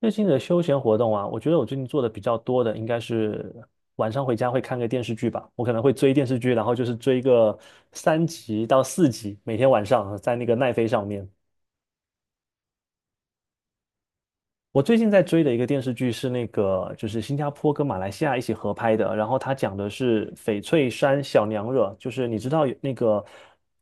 最近的休闲活动啊，我觉得我最近做的比较多的应该是晚上回家会看个电视剧吧。我可能会追电视剧，然后就是追个3集到4集，每天晚上在那个奈飞上面。我最近在追的一个电视剧是那个，就是新加坡跟马来西亚一起合拍的，然后它讲的是翡翠山小娘惹，就是你知道有那个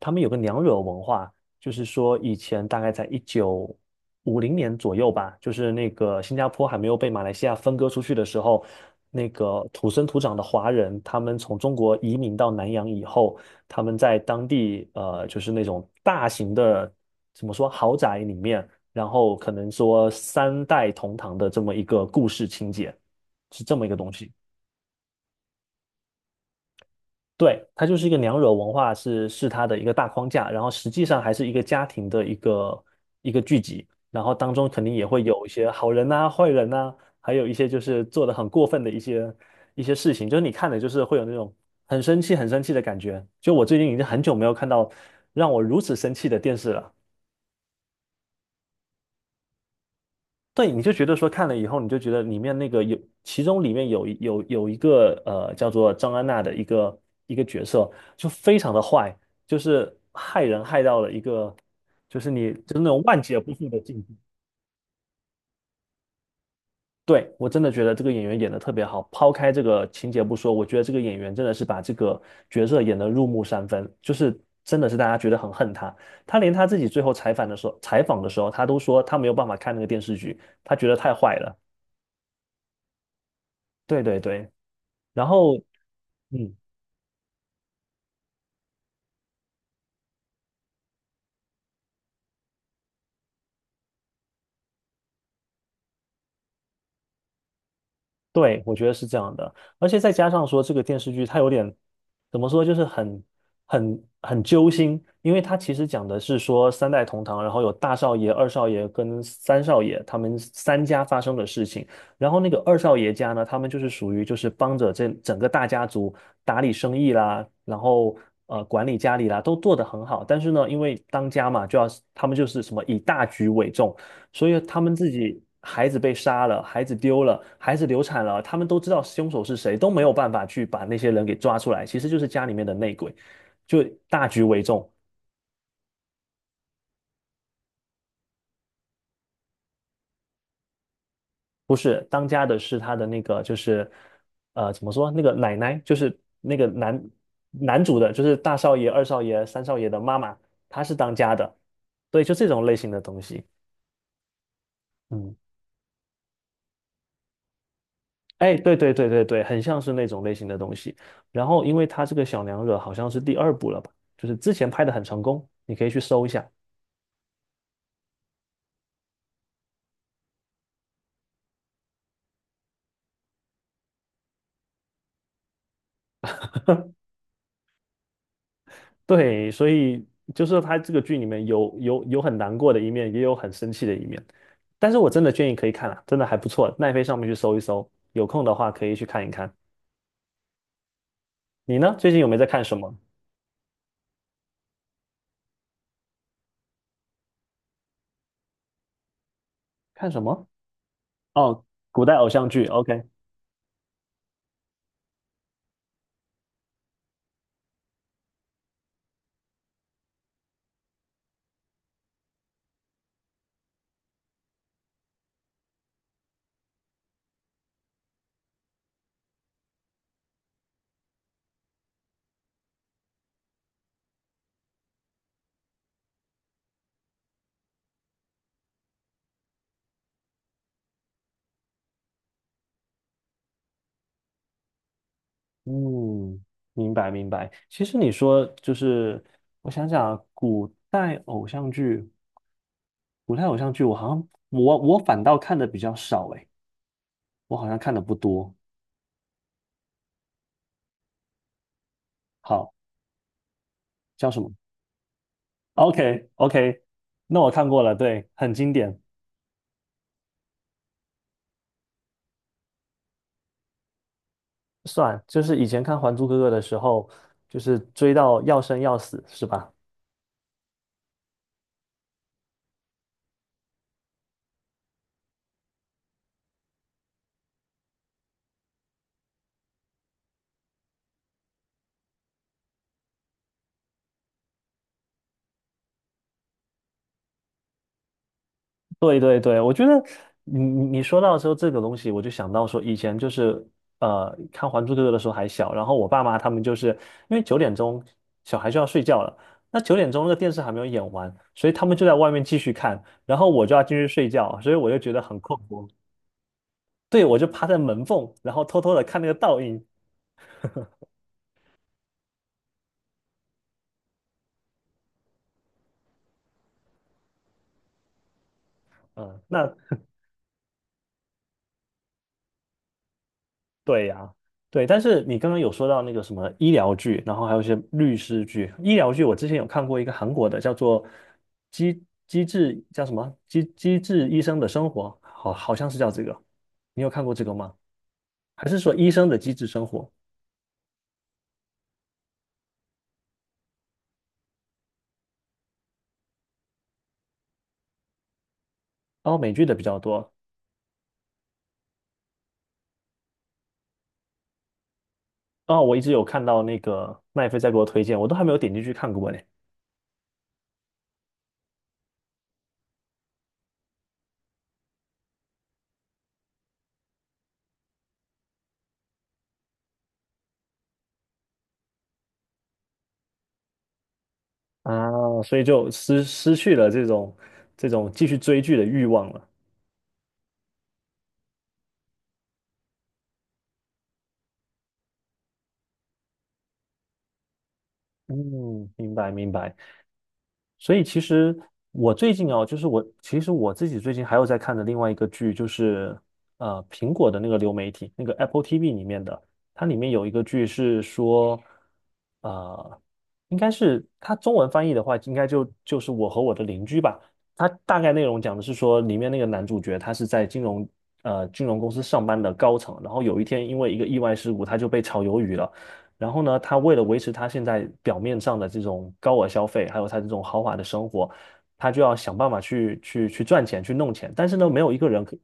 他们有个娘惹文化，就是说以前大概在1950年左右吧，就是那个新加坡还没有被马来西亚分割出去的时候，那个土生土长的华人，他们从中国移民到南洋以后，他们在当地就是那种大型的怎么说豪宅里面。然后可能说三代同堂的这么一个故事情节，是这么一个东西。对，它就是一个娘惹文化是它的一个大框架，然后实际上还是一个家庭的一个聚集，然后当中肯定也会有一些好人呐、坏人呐、还有一些就是做的很过分的一些事情，就是你看的就是会有那种很生气、很生气的感觉。就我最近已经很久没有看到让我如此生气的电视了。对，你就觉得说看了以后，你就觉得里面那个有，其中里面有一个叫做张安娜的一个角色，就非常的坏，就是害人害到了一个，就是你就是那种万劫不复的境地。对，我真的觉得这个演员演的特别好，抛开这个情节不说，我觉得这个演员真的是把这个角色演得入木三分，就是真的是大家觉得很恨他。他连他自己最后采访的时候，采访的时候，他都说他没有办法看那个电视剧，他觉得太坏了。对对对。然后，嗯，对，我觉得是这样的，而且再加上说这个电视剧它有点怎么说，就是很揪心，因为它其实讲的是说三代同堂，然后有大少爷、二少爷跟三少爷他们三家发生的事情，然后那个二少爷家呢，他们就是属于就是帮着这整个大家族打理生意啦，然后管理家里啦，都做得很好，但是呢，因为当家嘛，就要他们就是什么以大局为重。所以他们自己孩子被杀了，孩子丢了，孩子流产了，他们都知道凶手是谁，都没有办法去把那些人给抓出来。其实就是家里面的内鬼，就大局为重，不是当家的是他的那个就是怎么说那个奶奶，就是那个男主的，就是大少爷、二少爷、三少爷的妈妈，她是当家的，对，就这种类型的东西，嗯。哎，对对对对对，很像是那种类型的东西。然后，因为他这个小娘惹好像是第二部了吧，就是之前拍的很成功，你可以去搜一下。对，所以就是他这个剧里面有很难过的一面，也有很生气的一面。但是我真的建议可以看啊，真的还不错，奈飞上面去搜一搜，有空的话可以去看一看。你呢？最近有没有在看什么？看什么？哦，古代偶像剧，OK。嗯，明白明白。其实你说就是，我想想啊，古代偶像剧，古代偶像剧，我好像我反倒看的比较少诶，我好像看的不多。好，叫什么？OK OK,那我看过了，对，很经典，算，就是以前看《还珠格格》的时候，就是追到要生要死，是吧？对对对，我觉得你说到时候这个东西，我就想到说以前就是看《还珠格格》的时候还小，然后我爸妈他们就是因为九点钟小孩就要睡觉了，那九点钟那个电视还没有演完，所以他们就在外面继续看，然后我就要进去睡觉，所以我就觉得很困惑。对，我就趴在门缝，然后偷偷的看那个倒影，嗯，那对呀，对，但是你刚刚有说到那个什么医疗剧，然后还有一些律师剧。医疗剧我之前有看过一个韩国的，叫做机机智叫什么机智医生的生活，好像是叫这个。你有看过这个吗？还是说医生的机智生活？哦，美剧的比较多。哦，我一直有看到那个麦飞在给我推荐，我都还没有点进去看过呢。啊，所以就失去了这种继续追剧的欲望了。嗯，明白明白。所以其实我最近哦，就是我其实我自己最近还有在看的另外一个剧，就是苹果的那个流媒体，那个 Apple TV 里面的，它里面有一个剧是说，呃，应该是它中文翻译的话，应该就是我和我的邻居吧。它大概内容讲的是说，里面那个男主角他是在金融公司上班的高层，然后有一天因为一个意外事故，他就被炒鱿鱼了。然后呢，他为了维持他现在表面上的这种高额消费，还有他这种豪华的生活，他就要想办法去赚钱，去弄钱。但是呢，没有一个人可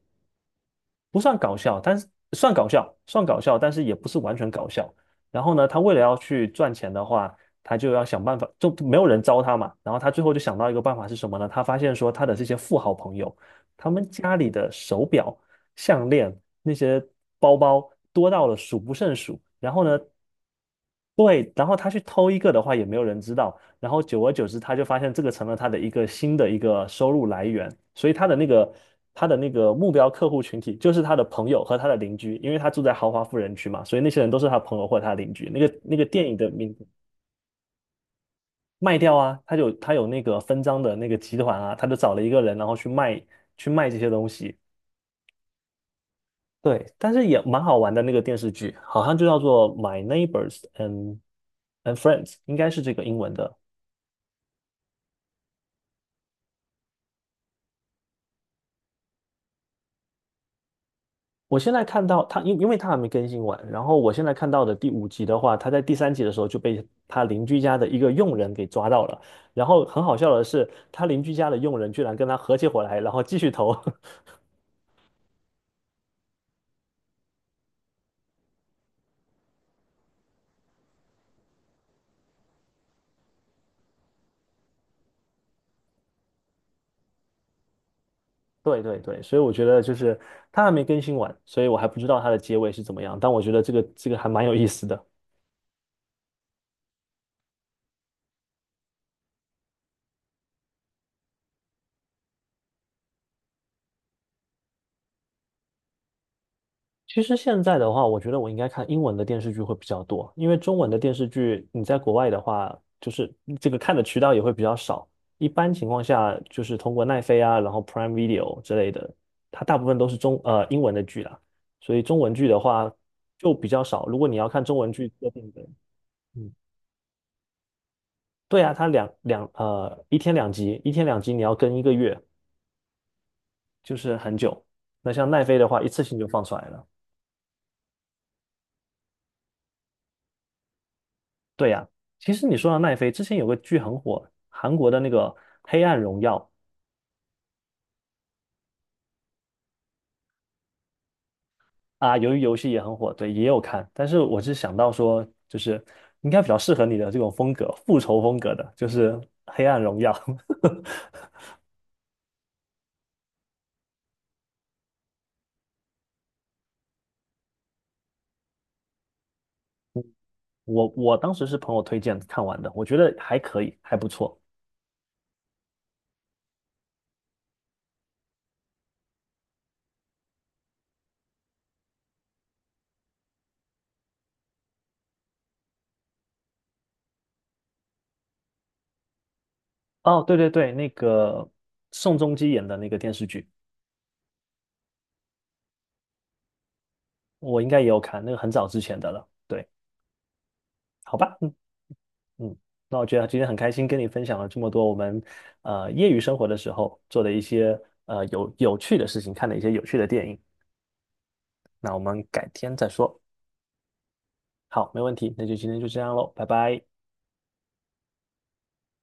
不算搞笑，但是算搞笑，算搞笑，但是也不是完全搞笑。然后呢，他为了要去赚钱的话，他就要想办法，就没有人招他嘛。然后他最后就想到一个办法是什么呢？他发现说他的这些富豪朋友，他们家里的手表、项链、那些包包多到了数不胜数。然后呢，对，然后他去偷一个的话，也没有人知道。然后久而久之，他就发现这个成了他的一个新的一个收入来源，所以他的那个目标客户群体就是他的朋友和他的邻居，因为他住在豪华富人区嘛，所以那些人都是他朋友或者他的邻居。那个电影的名字卖掉啊，他有那个分赃的那个集团啊，他就找了一个人，然后去卖这些东西。对，但是也蛮好玩的那个电视剧，好像就叫做《My Neighbors and Friends》,应该是这个英文的我现在看到他，因为他还没更新完，然后我现在看到的第5集的话，他在第三集的时候就被他邻居家的一个佣人给抓到了，然后很好笑的是，他邻居家的佣人居然跟他合起伙来，然后继续投。对对对，所以我觉得就是他还没更新完，所以我还不知道他的结尾是怎么样，但我觉得这个还蛮有意思的。其实现在的话，我觉得我应该看英文的电视剧会比较多，因为中文的电视剧你在国外的话，就是这个看的渠道也会比较少。一般情况下，就是通过奈飞啊，然后 Prime Video 之类的，它大部分都是英文的剧啦，所以中文剧的话就比较少。如果你要看中文剧特定的，嗯，对啊，它两两呃一天两集，一天两集你要跟一个月，就是很久。那像奈飞的话，一次性就放出来了。对呀，其实你说到奈飞，之前有个剧很火，韩国的那个《黑暗荣耀》啊，由于游戏也很火，对，也有看。但是我是想到说，就是应该比较适合你的这种风格，复仇风格的，就是《黑暗荣耀》我当时是朋友推荐看完的，我觉得还可以，还不错。哦，对对对，那个宋仲基演的那个电视剧，我应该也有看，那个很早之前的了。对，好吧。嗯。嗯，那我觉得今天很开心跟你分享了这么多我们业余生活的时候做的一些有趣的事情，看的一些有趣的电影。那我们改天再说。好，没问题，那就今天就这样喽，拜拜。